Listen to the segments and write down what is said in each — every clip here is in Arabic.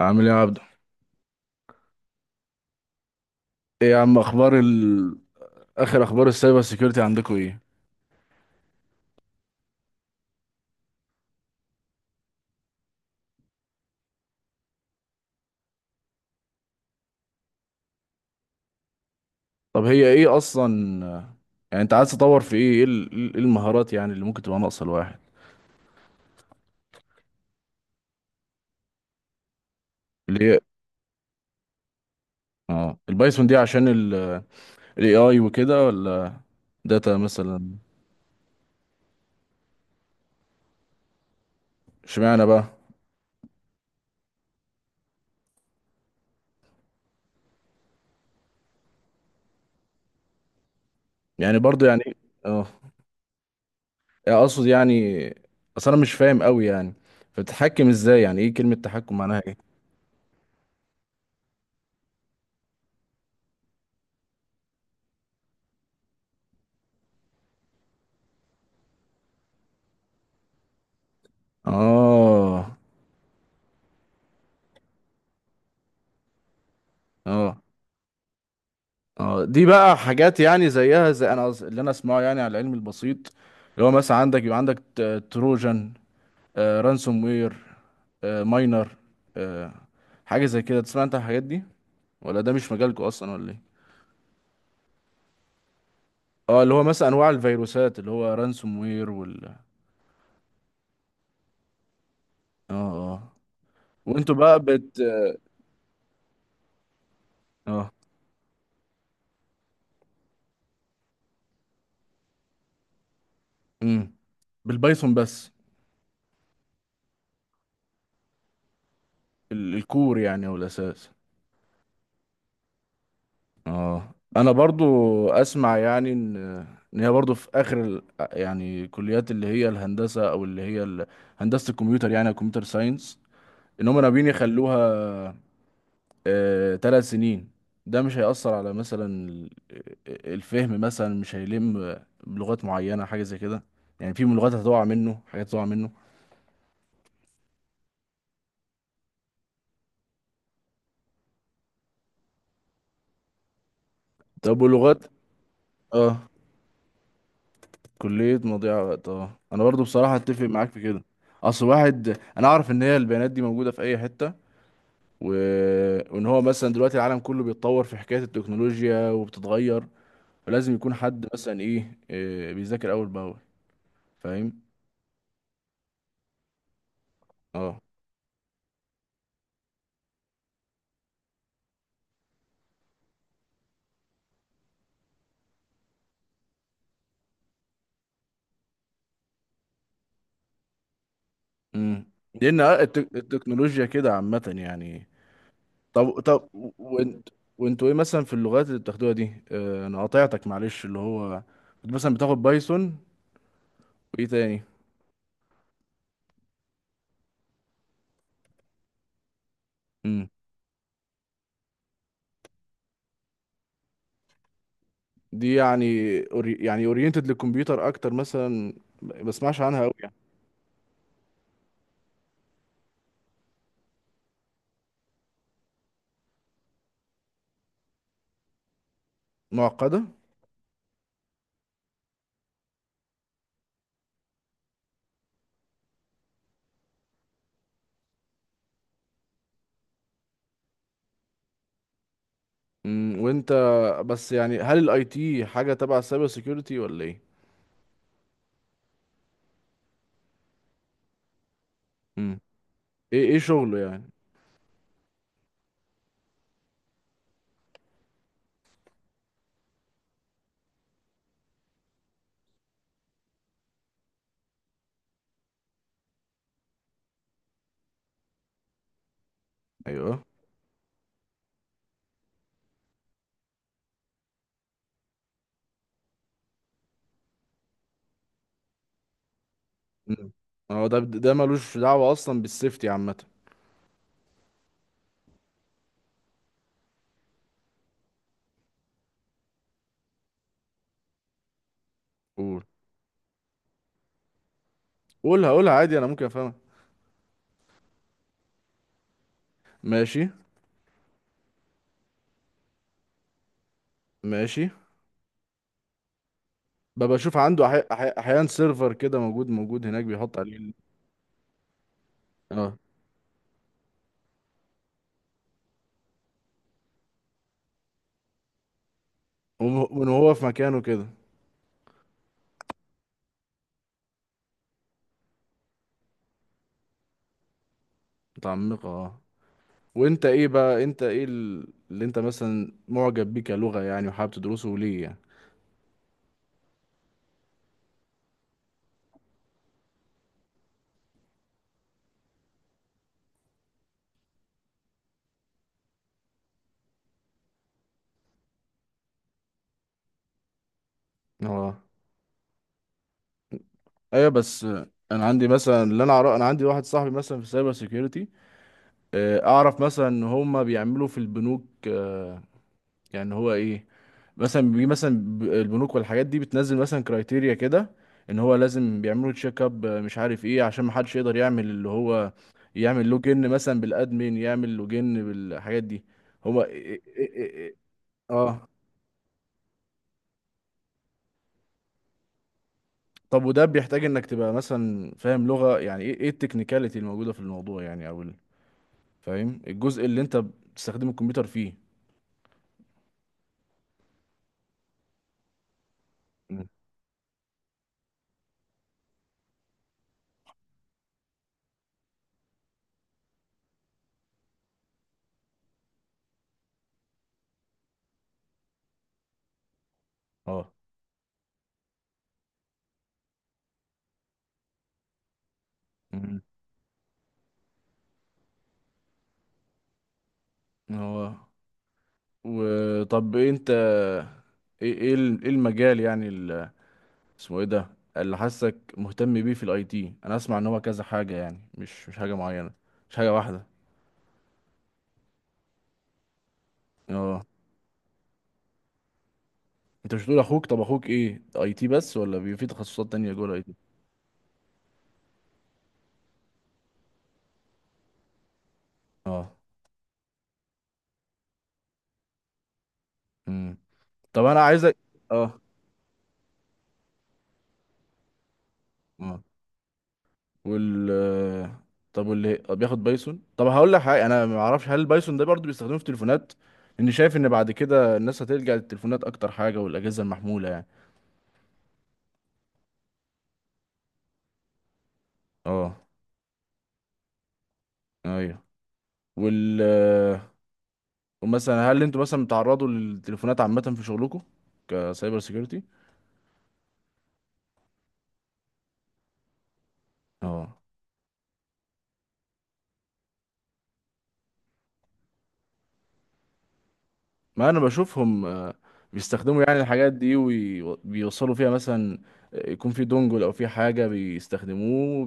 عامل ايه يا عبدو؟ ايه يا عم، اخبار اخر اخبار السايبر سيكيورتي عندكم ايه؟ طب هي ايه اصلا؟ يعني انت عايز تطور في ايه إيه المهارات، يعني اللي ممكن تبقى ناقصه الواحد؟ اللي هي اه البايثون دي عشان الاي اي وكده، ولا داتا مثلا؟ اشمعنى بقى؟ يعني برضو يعني. اه. يعني اقصد يعني. اصل انا مش فاهم قوي يعني. فبتتحكم ازاي؟ يعني ايه كلمة تحكم معناها ايه؟ اه. اه. اه، دي بقى حاجات، يعني زيها زي انا اللي انا اسمعه، يعني على العلم البسيط. اللي هو مثلا عندك، يبقى عندك تروجان، رانسوم وير، ماينر، آه حاجه زي كده. تسمع انت عن الحاجات دي، ولا ده مش مجالكم اصلا ولا ايه؟ اه، اللي هو مثلا انواع الفيروسات، اللي هو رانسوم وير وال اه اه. وانتوا بقى بت اه امم بالبايثون بس؟ الكور يعني، او الاساس. اه، انا برضو اسمع يعني ان هي برضو في اخر يعني كليات، اللي هي الهندسه او اللي هي هندسه الكمبيوتر يعني، كمبيوتر ساينس. ان هم ناويين يخلوها 3 سنين. ده مش هيأثر على مثلا الفهم؟ مثلا مش هيلم بلغات معينه، حاجه زي كده؟ يعني في لغات هتقع منه، حاجات هتقع منه. طب، ولغات اه كليه مضيعه وقت. اه، انا برضو بصراحه اتفق معاك في كده. اصل واحد، انا اعرف ان هي البيانات دي موجوده في اي حته. و... وان هو مثلا دلوقتي العالم كله بيتطور في حكاية التكنولوجيا وبتتغير. فلازم يكون حد مثلا إيه بيذاكر اول باول. فاهم؟ اه. امم لان التكنولوجيا كده عامة يعني. طب طب، وانت وانتوا ايه مثلا في اللغات اللي بتاخدوها دي؟ انا قاطعتك معلش، اللي هو كنت مثلا بتاخد بايثون، وايه تاني؟ امم دي يعني يعني اورينتد للكمبيوتر اكتر مثلا. ما بسمعش عنها قوي يعني. معقدة. وانت، بس يعني هل الاي تي حاجه تبع السايبر سيكيورتي ولا ايه؟ امم ايه شغله يعني؟ ايوه. امم هو ده ملوش دعوه اصلا بالسيفتي عامه؟ قول قولها قولها عادي، انا ممكن افهمها. ماشي. ماشي. ببقى اشوف عنده احيانا سيرفر كده موجود، موجود هناك بيحط عليه اه وان هو في مكانه كده. متعمقه. اه، وانت ايه بقى؟ اللي انت مثلا معجب بيه كلغه، يعني وحابب تدرسه ليه يعني؟ اه، ايوه، بس انا عندي مثلا اللي انا اعرف، انا عندي واحد صاحبي مثلا في سايبر سيكيورتي، اعرف مثلا ان هم بيعملوا في البنوك. يعني هو ايه؟ مثلا البنوك والحاجات دي بتنزل مثلا كرايتيريا كده، ان هو لازم بيعملوا تشيك اب، مش عارف ايه، عشان ما حدش يقدر يعمل اللي هو يعمل لوجن مثلا بالادمين، يعمل لوجن بالحاجات دي. هو إيه- إيه- إيه- إيه- إيه، اه. طب وده بيحتاج انك تبقى مثلا فاهم لغة يعني؟ ايه التكنيكاليتي الموجودة في الموضوع يعني؟ او فاهم الجزء اللي انت بتستخدم الكمبيوتر فيه؟ مم. اه. مم. هو وطب إيه انت؟ ايه المجال يعني؟ اسمه ايه ده، اللي حاسك مهتم بيه في الاي تي؟ انا اسمع ان هو كذا حاجه، يعني مش حاجه معينه، مش حاجه واحده. اه، انت مش بتقول اخوك؟ طب اخوك ايه، اي تي بس، ولا بيبقى في تخصصات تانية جوه الاي تي؟ اه. امم طب انا عايزك. اه. اه. وال طب، واللي طب بياخد بايثون؟ طب هقول لك حاجه، انا ما اعرفش، هل البايثون ده برضه بيستخدموه في تليفونات؟ لاني شايف ان بعد كده الناس هتلجأ للتليفونات اكتر حاجه، والاجهزه المحموله يعني. اه. ايوه. وال ومثلا هل انتوا مثلا بتعرضوا للتليفونات عامه في شغلكم كسايبر سيكيورتي؟ اه، ما انا بشوفهم بيستخدموا يعني الحاجات دي وبيوصلوا فيها مثلا. يكون في دونجل او في حاجه بيستخدموه.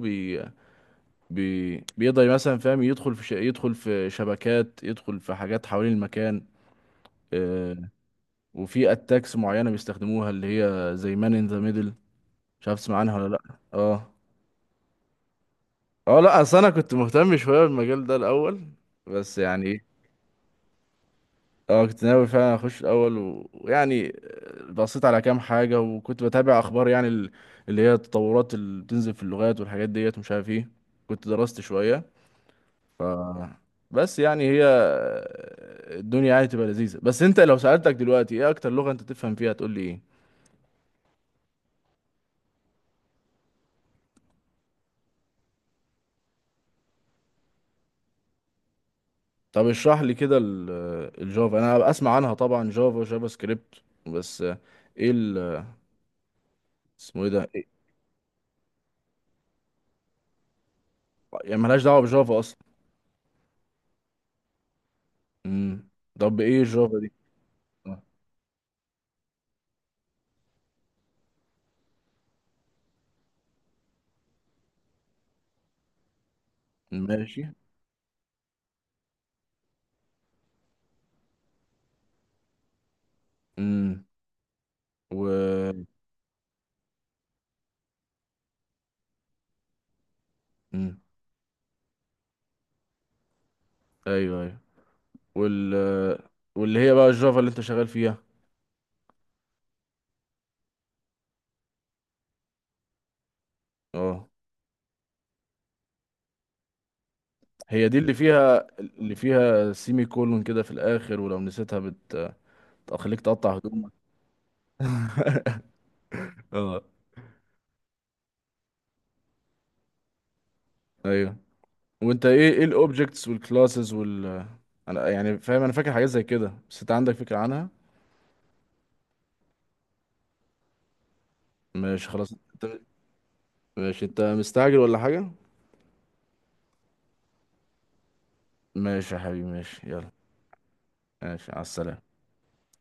بيقدر مثلا، فاهم، يدخل في يدخل في شبكات، يدخل في حاجات حوالين المكان آه... وفي اتاكس معينه بيستخدموها اللي هي زي مان ان ذا ميدل. مش عارف تسمع عنها ولا لا؟ اه. اه، لا اصل انا كنت مهتم شويه بالمجال ده الاول. بس يعني إيه، اه كنت ناوي فعلا اخش الاول. ويعني بصيت على كام حاجه، وكنت بتابع اخبار يعني اللي هي التطورات اللي بتنزل في اللغات والحاجات ديت، ومش عارف ايه. كنت درست شويه. ف بس يعني هي الدنيا يعني تبقى لذيذة. بس انت لو سألتك دلوقتي ايه اكتر لغة انت تفهم فيها، هتقول لي ايه؟ طب اشرح لي كده الجافا. انا اسمع عنها طبعا، جافا جافا سكريبت، بس ايه ال اسمه ايه ده، إيه؟ يعني ملهاش دعوة بجافا اصلا؟ امم طب ايه الجافا دي؟ آه، ماشي. امم و امم ايوه ايوه. وال واللي هي بقى الجافا اللي انت شغال فيها. اه، هي دي اللي فيها، اللي فيها سيمي كولون كده في الاخر، ولو نسيتها تخليك تقطع هدومك. اه. ايوه، وانت ايه الاوبجكتس والكلاسز انا يعني فاهم، انا فاكر حاجات زي كده. بس انت عندك فكرة عنها؟ ماشي خلاص. انت. ماشي، انت مستعجل ولا حاجة؟ ماشي يا حبيبي، ماشي، يلا. ماشي، على السلامة.